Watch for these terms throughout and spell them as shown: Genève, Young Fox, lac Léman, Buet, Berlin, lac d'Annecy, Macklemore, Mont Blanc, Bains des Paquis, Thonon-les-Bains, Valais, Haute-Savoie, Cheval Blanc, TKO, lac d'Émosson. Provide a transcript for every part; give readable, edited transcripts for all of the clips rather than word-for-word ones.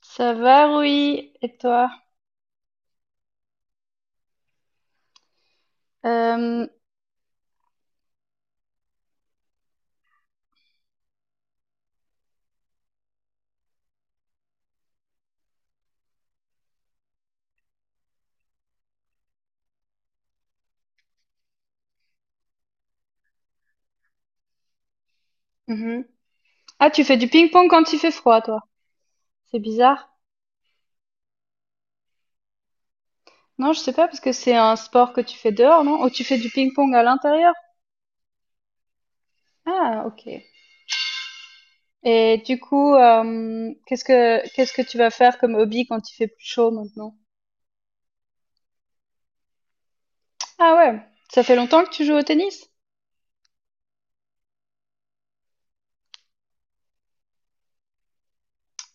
Ça va, oui. Et toi? Euh, mhm. Ah, tu fais du ping-pong quand il fait froid, toi. C'est bizarre. Non, je sais pas parce que c'est un sport que tu fais dehors, non? Ou tu fais du ping-pong à l'intérieur? Ah, ok. Et du coup, qu'est-ce que tu vas faire comme hobby quand il fait plus chaud maintenant? Ah ouais. Ça fait longtemps que tu joues au tennis?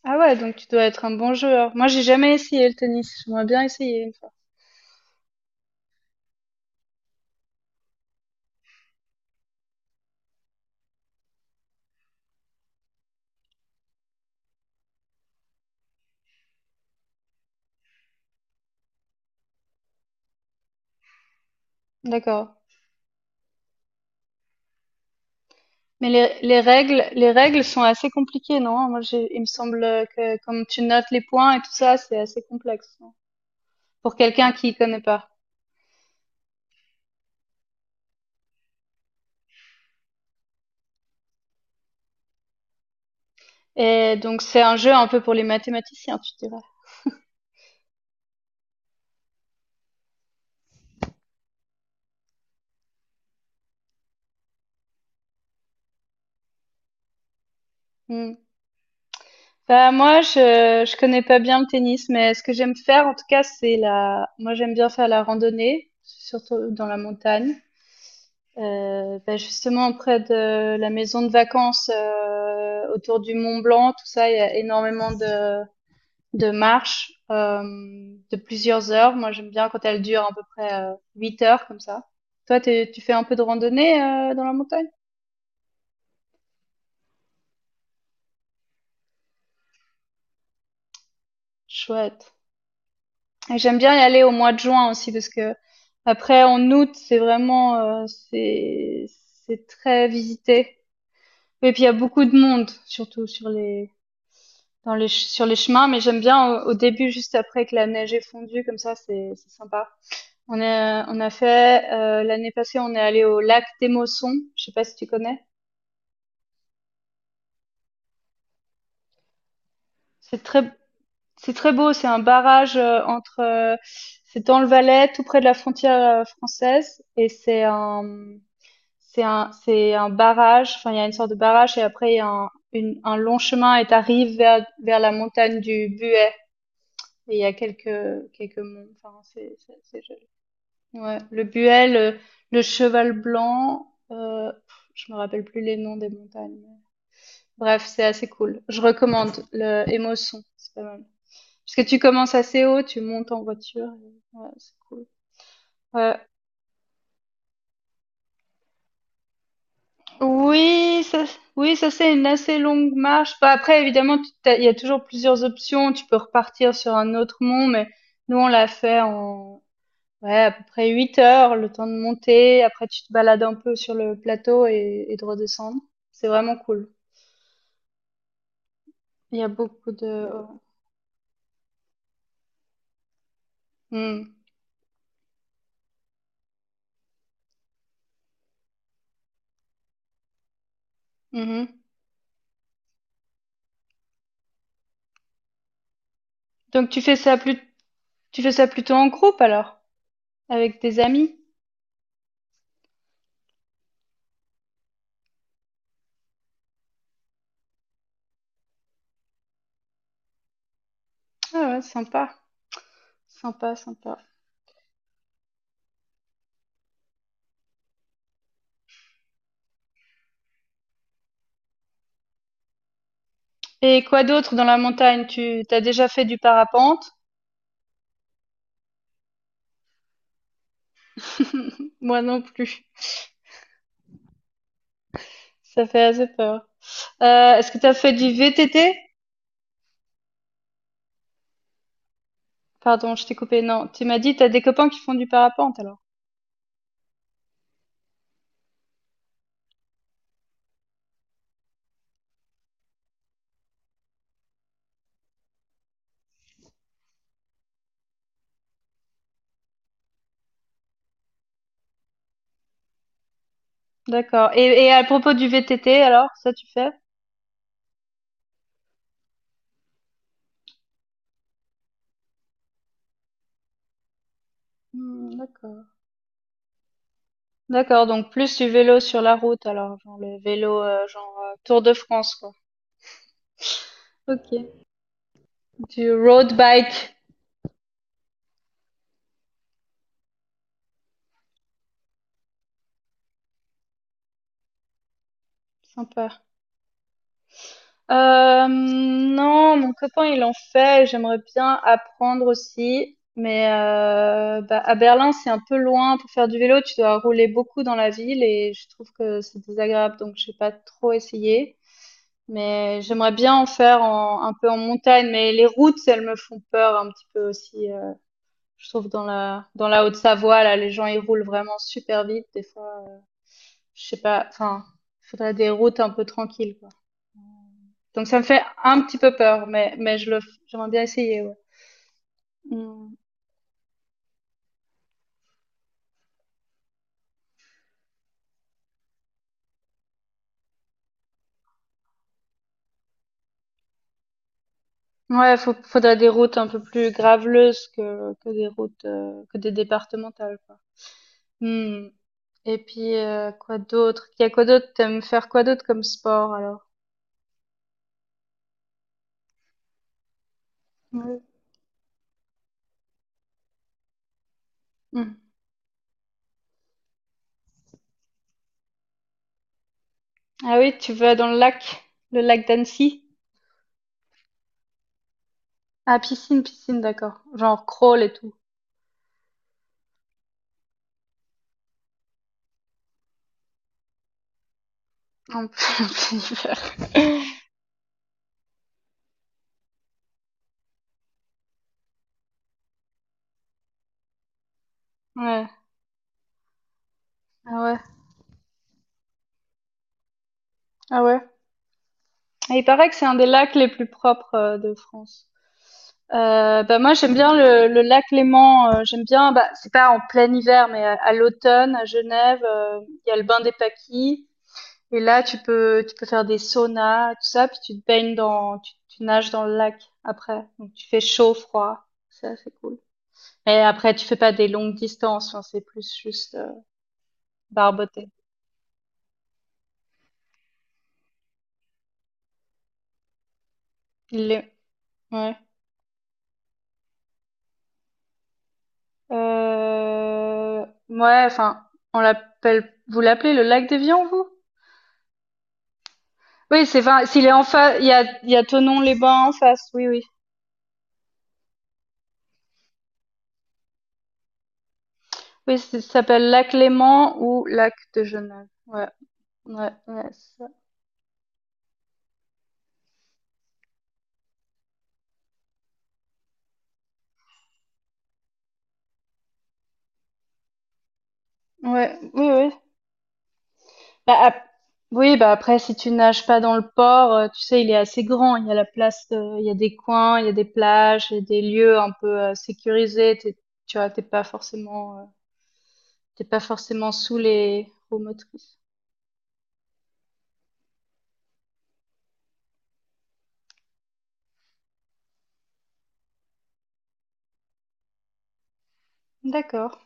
Ah ouais, donc tu dois être un bon joueur. Moi, j'ai jamais essayé le tennis. J'aimerais bien essayer une fois. D'accord. Mais les règles, les règles sont assez compliquées, non? Moi, il me semble que comme tu notes les points et tout ça, c'est assez complexe non pour quelqu'un qui connaît pas. Et donc, c'est un jeu un peu pour les mathématiciens, tu dirais. Hmm. Bah, moi, je connais pas bien le tennis, mais ce que j'aime faire, en tout cas, moi, j'aime bien faire la randonnée, surtout dans la montagne. Bah, justement, près de la maison de vacances, autour du Mont Blanc, tout ça, il y a énormément de marche de plusieurs heures. Moi, j'aime bien quand elle dure à peu près 8 heures comme ça. Toi, tu fais un peu de randonnée dans la montagne? Chouette. Et j'aime bien y aller au mois de juin aussi parce que après en août, c'est vraiment c'est très visité. Et puis il y a beaucoup de monde surtout sur les sur les chemins, mais j'aime bien au début juste après que la neige est fondue comme ça, c'est sympa. On a fait l'année passée, on est allé au lac d'Émosson. Je sais pas si tu connais. C'est très, c'est très beau. C'est un barrage c'est dans le Valais, tout près de la frontière française, et c'est un barrage. Enfin, il y a une sorte de barrage, et après il y a un long chemin, et t'arrives vers la montagne du Buet. Et il y a quelques monts. Enfin, c'est c'est joli. Ouais, le Cheval Blanc. Pff, je me rappelle plus les noms des montagnes. Bref, c'est assez cool. Je recommande le Émotion, c'est pas mal. Parce que tu commences assez haut, tu montes en voiture, et ouais, c'est cool. Ouais. Oui, ça, oui, ça c'est une assez longue marche. Bah, après, évidemment, il y a toujours plusieurs options. Tu peux repartir sur un autre mont, mais nous on l'a fait en ouais, à peu près 8 heures, le temps de monter. Après, tu te balades un peu sur le plateau et de redescendre. C'est vraiment cool. Il y a beaucoup de... Hmm. Mhm. Donc tu fais ça plus Tu fais ça plutôt en groupe alors, avec tes amis? Ah ouais, sympa. Et quoi d'autre dans la montagne? Tu t'as déjà fait du parapente? Moi non plus, ça fait assez peur. Est-ce que t'as fait du VTT? Pardon, je t'ai coupé. Non, tu m'as dit t'as des copains qui font du parapente alors. D'accord. Et à propos du VTT alors, ça tu fais? Hmm, d'accord. D'accord, donc plus du vélo sur la route alors, genre le vélo Tour de France quoi. Ok. Du road bike, sympa. Non, mon copain il en fait, j'aimerais bien apprendre aussi, mais bah, à Berlin c'est un peu loin pour faire du vélo, tu dois rouler beaucoup dans la ville et je trouve que c'est désagréable donc j'ai pas trop essayé, mais j'aimerais bien en faire un peu en montagne, mais les routes elles me font peur un petit peu aussi, je trouve dans la Haute-Savoie là les gens ils roulent vraiment super vite des fois je sais pas, enfin, il faudrait des routes un peu tranquilles, quoi. Donc ça me fait un petit peu peur, mais j'aimerais bien essayer, ouais. Mm. Ouais, faudrait des routes un peu plus graveleuses que des routes, que des départementales, quoi. Mm. Et puis, quoi d'autre? Il y a quoi d'autre? T'aimes faire quoi d'autre comme sport, alors? Ouais. Mm. Ah oui, tu vas dans le lac d'Annecy? Ah, piscine, d'accord. Genre crawl et tout. En plein hiver. Ouais. Ah ouais. Ah ouais. Et il paraît que c'est un des lacs les plus propres de France. Bah moi j'aime bien le lac Léman, j'aime bien, bah, c'est pas en plein hiver, mais à l'automne à Genève, il y a le bain des paquis, et là tu peux faire des saunas, tout ça, puis tu te baignes dans, tu nages dans le lac après, donc tu fais chaud, froid, ça c'est cool. Et après tu fais pas des longues distances, hein, c'est plus juste barboter. Il est- ouais. Euh, ouais, enfin, vous l'appelez le lac des Vians, vous? Oui, c'est, enfin, s'il est en face, il y a Thonon-les-Bains en face, oui. Oui, ça s'appelle lac Léman ou lac de Genève. Ouais, ouais, c'est ça. Ouais, oui. Bah, ap- oui, bah après, si tu nages pas dans le port, tu sais, il est assez grand. Il y a la place, il y a des coins, il y a des plages, il y a des lieux un peu sécurisés. Tu vois, t'es pas forcément sous les roues motrices. D'accord.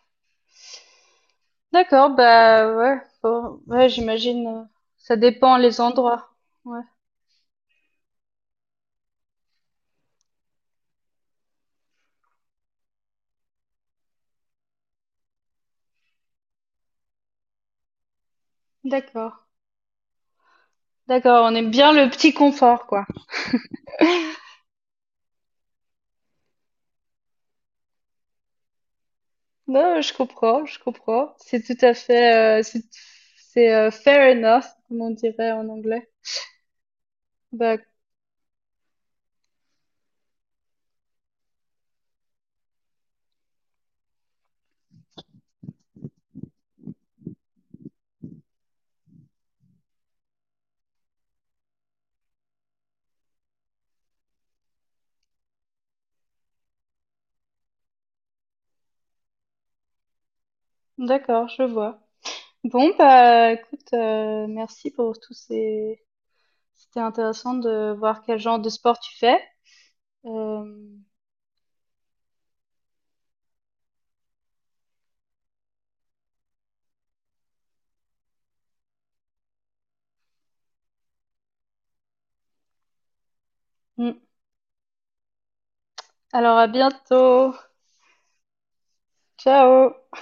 D'accord, bah ouais, ouais, j'imagine, ça dépend les endroits. Ouais, d'accord. D'accord, on aime bien le petit confort, quoi. Non, je comprends, je comprends. C'est tout à fait, c'est, fair enough, comme on dirait en anglais. Bah, d'accord, je vois. Bon, bah écoute, merci pour tous ces... C'était intéressant de voir quel genre de sport tu fais. Euh, mm. Alors à bientôt. Ciao.